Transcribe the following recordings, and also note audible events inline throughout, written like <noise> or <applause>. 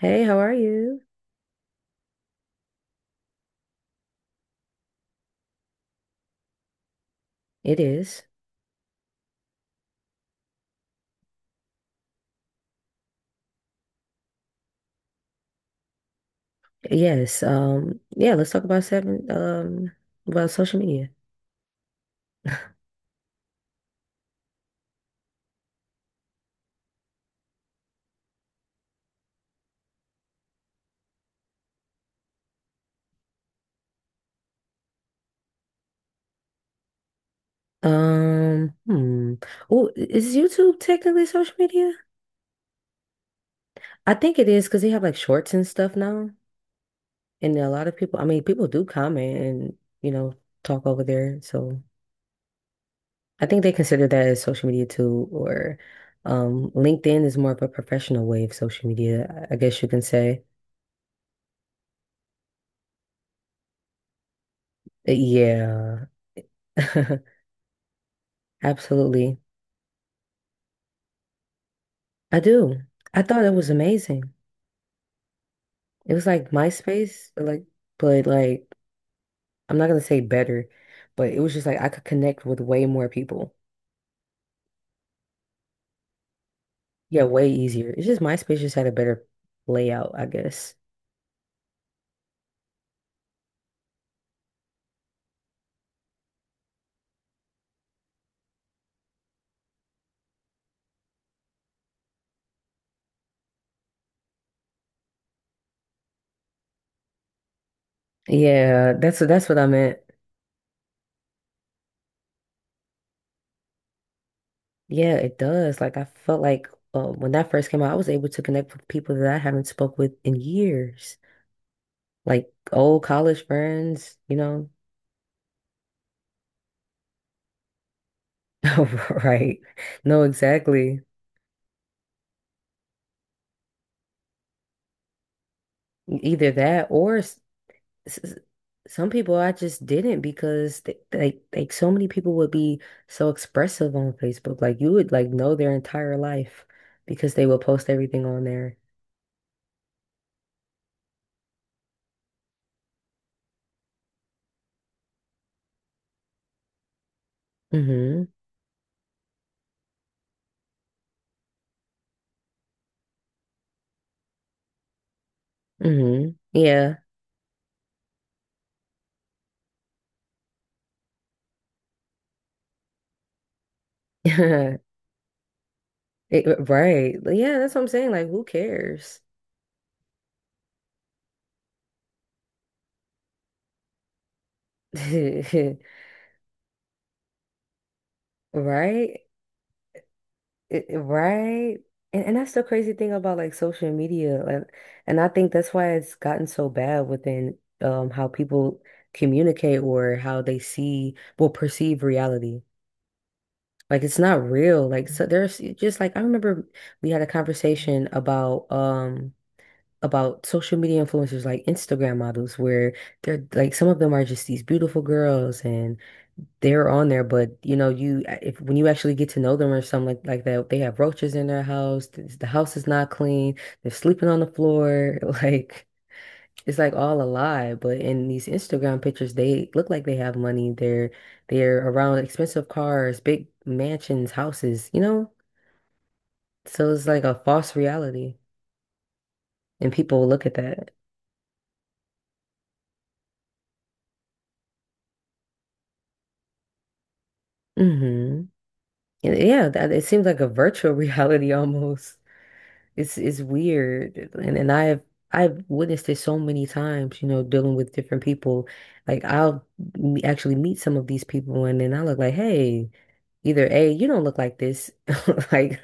Hey, how are you? It is. Yes. Yeah, let's talk about seven about social media. Um, hmm. Oh, is YouTube technically social media? I think it is because they have like shorts and stuff now. And a lot of people, I mean, people do comment and, you know, talk over there. So I think they consider that as social media too, or LinkedIn is more of a professional way of social media, I guess you can say. Yeah. <laughs> Absolutely. I do. I thought it was amazing. It was like MySpace, like, but like, I'm not gonna say better, but it was just like I could connect with way more people. Yeah, way easier. It's just MySpace just had a better layout, I guess. Yeah, that's what I meant. Yeah, it does. Like I felt like when that first came out, I was able to connect with people that I haven't spoke with in years, like old college friends, you know. <laughs> Right. No, exactly. Either that or s- s- some people I just didn't because they, like so many people would be so expressive on Facebook. Like you would like know their entire life because they would post everything on there. hmm Yeah. <laughs> Right. Yeah, that's what I'm saying. Like who cares? <laughs> Right? Right? And that's the crazy thing about like social media. And I think that's why it's gotten so bad within how people communicate or how they see well perceive reality. Like it's not real. Like so there's just like I remember we had a conversation about social media influencers like Instagram models where they're like some of them are just these beautiful girls and they're on there, but you know, you if when you actually get to know them or something like that, they have roaches in their house. The house is not clean. They're sleeping on the floor. <laughs> Like it's like all a lie. But in these Instagram pictures, they look like they have money. They're around expensive cars, big mansions, houses. You know, so it's like a false reality, and people look at that. hmm Yeah, that, it seems like a virtual <laughs> reality almost. It's weird. And I've witnessed it so many times, you know, dealing with different people. Like actually meet some of these people and then I look like, hey, either A, you don't look like this, <laughs> like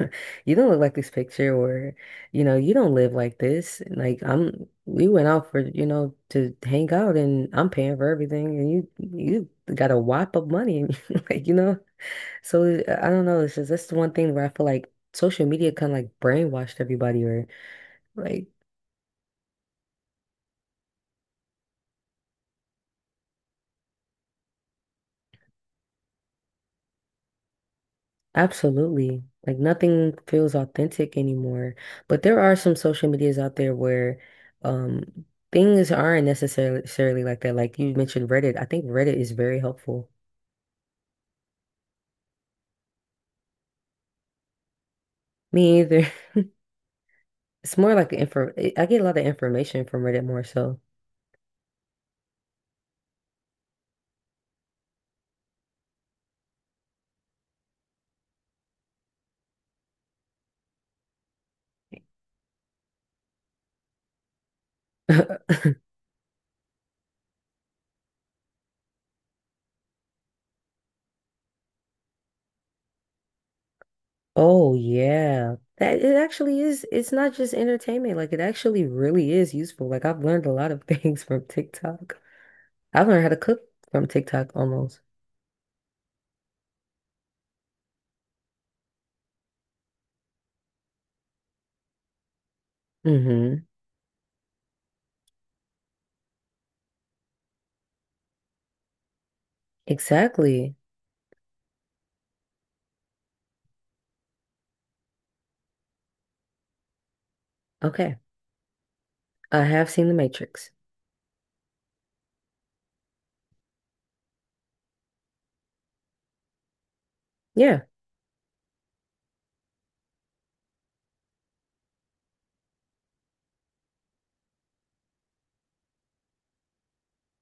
you don't look like this picture, or you know, you don't live like this. And, Like I'm we went out for, you know, to hang out and I'm paying for everything and you got a whop of money <laughs> and like, you know. So I don't know. It's just that's the one thing where I feel like social media kind of like brainwashed everybody, or like absolutely, like nothing feels authentic anymore. But there are some social medias out there where um things aren't necessarily like that. Like you mentioned Reddit. I think Reddit is very helpful. Me either. <laughs> It's more like info. I get a lot of information from Reddit more so. <laughs> Oh yeah. That it actually is, it's not just entertainment. Like it actually really is useful. Like I've learned a lot of <laughs> things from TikTok. I've learned how to cook from TikTok almost. hmm Exactly. Okay. I have seen The Matrix. Yeah.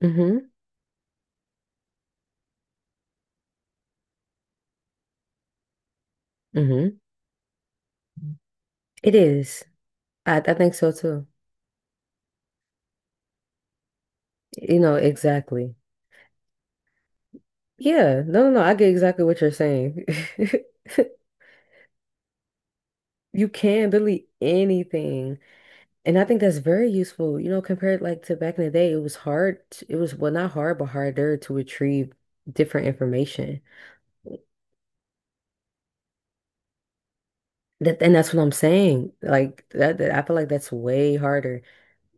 hmm hmm It is. I think so too. You know, exactly. Yeah. No, no, no. I get exactly what you're saying. <laughs> You can delete anything. And I think that's very useful, you know, compared like to back in the day, it was hard to, it was well not hard but harder to retrieve different information. That and that's what I'm saying. Like that, that I feel like that's way harder.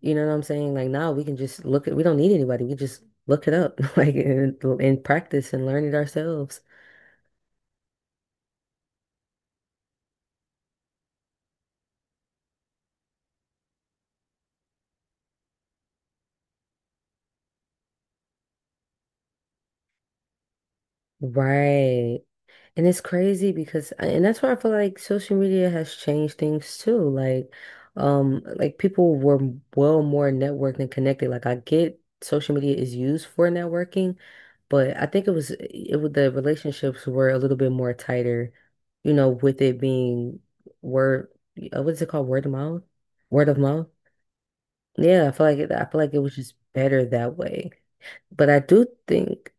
You know what I'm saying? Like now we can just look at we don't need anybody. We just look it up <laughs> like and practice and learn it ourselves. Right. And it's crazy because, and that's why I feel like social media has changed things too. Like people were well more networked and connected. Like, I get social media is used for networking, but I think it was the relationships were a little bit more tighter, you know, with it being word, what is it called? Word of mouth? Word of mouth? Yeah, I feel like it was just better that way. But I do think,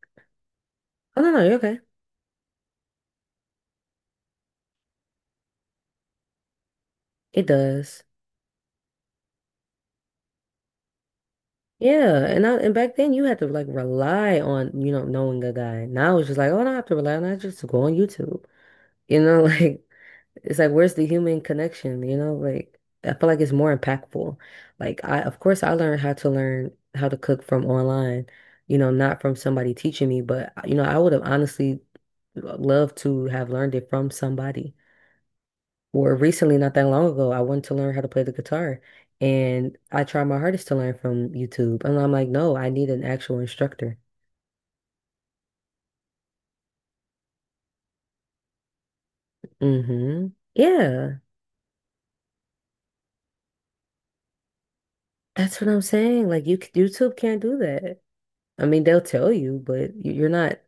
oh no, no, you're okay. It does. Yeah, and back then you had to like rely on, you know, knowing a guy. Now it's just like, oh, I don't have to rely on that, I just go on YouTube. You know, <laughs> like it's like where's the human connection, you know? Like I feel like it's more impactful. Like I of course I learned how to learn how to cook from online, you know, not from somebody teaching me, but you know, I would have honestly loved to have learned it from somebody. Or recently, not that long ago, I wanted to learn how to play the guitar and I tried my hardest to learn from YouTube. And I'm like, no, I need an actual instructor. hmm Yeah, that's what I'm saying. Like YouTube can't do that. I mean, they'll tell you, but you're not,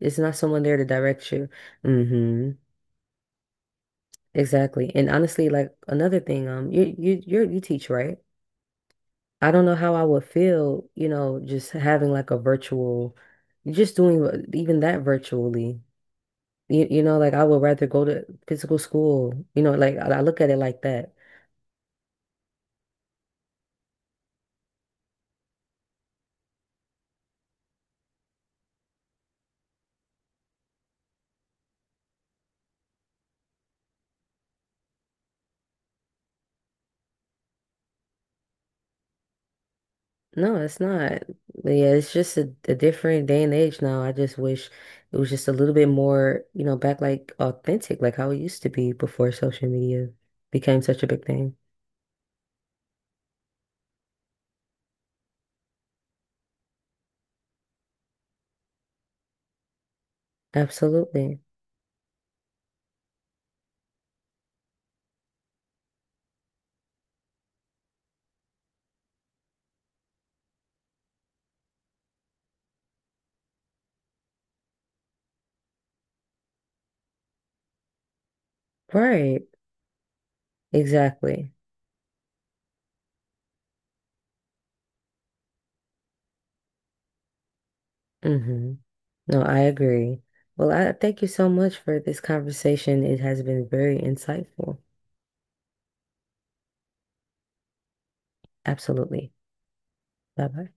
it's not someone there to direct you. hmm Exactly. And honestly, like another thing, you teach, right? I don't know how I would feel, you know, just having like a virtual, just doing even that virtually. You know, like I would rather go to physical school. You know, like I look at it like that. No, it's not. Yeah, it's just a different day and age now. I just wish it was just a little bit more, you know, back like authentic, like how it used to be before social media became such a big thing. Absolutely. Right. Exactly. hmm No, I agree. Well, I thank you so much for this conversation. It has been very insightful. Absolutely. Bye bye.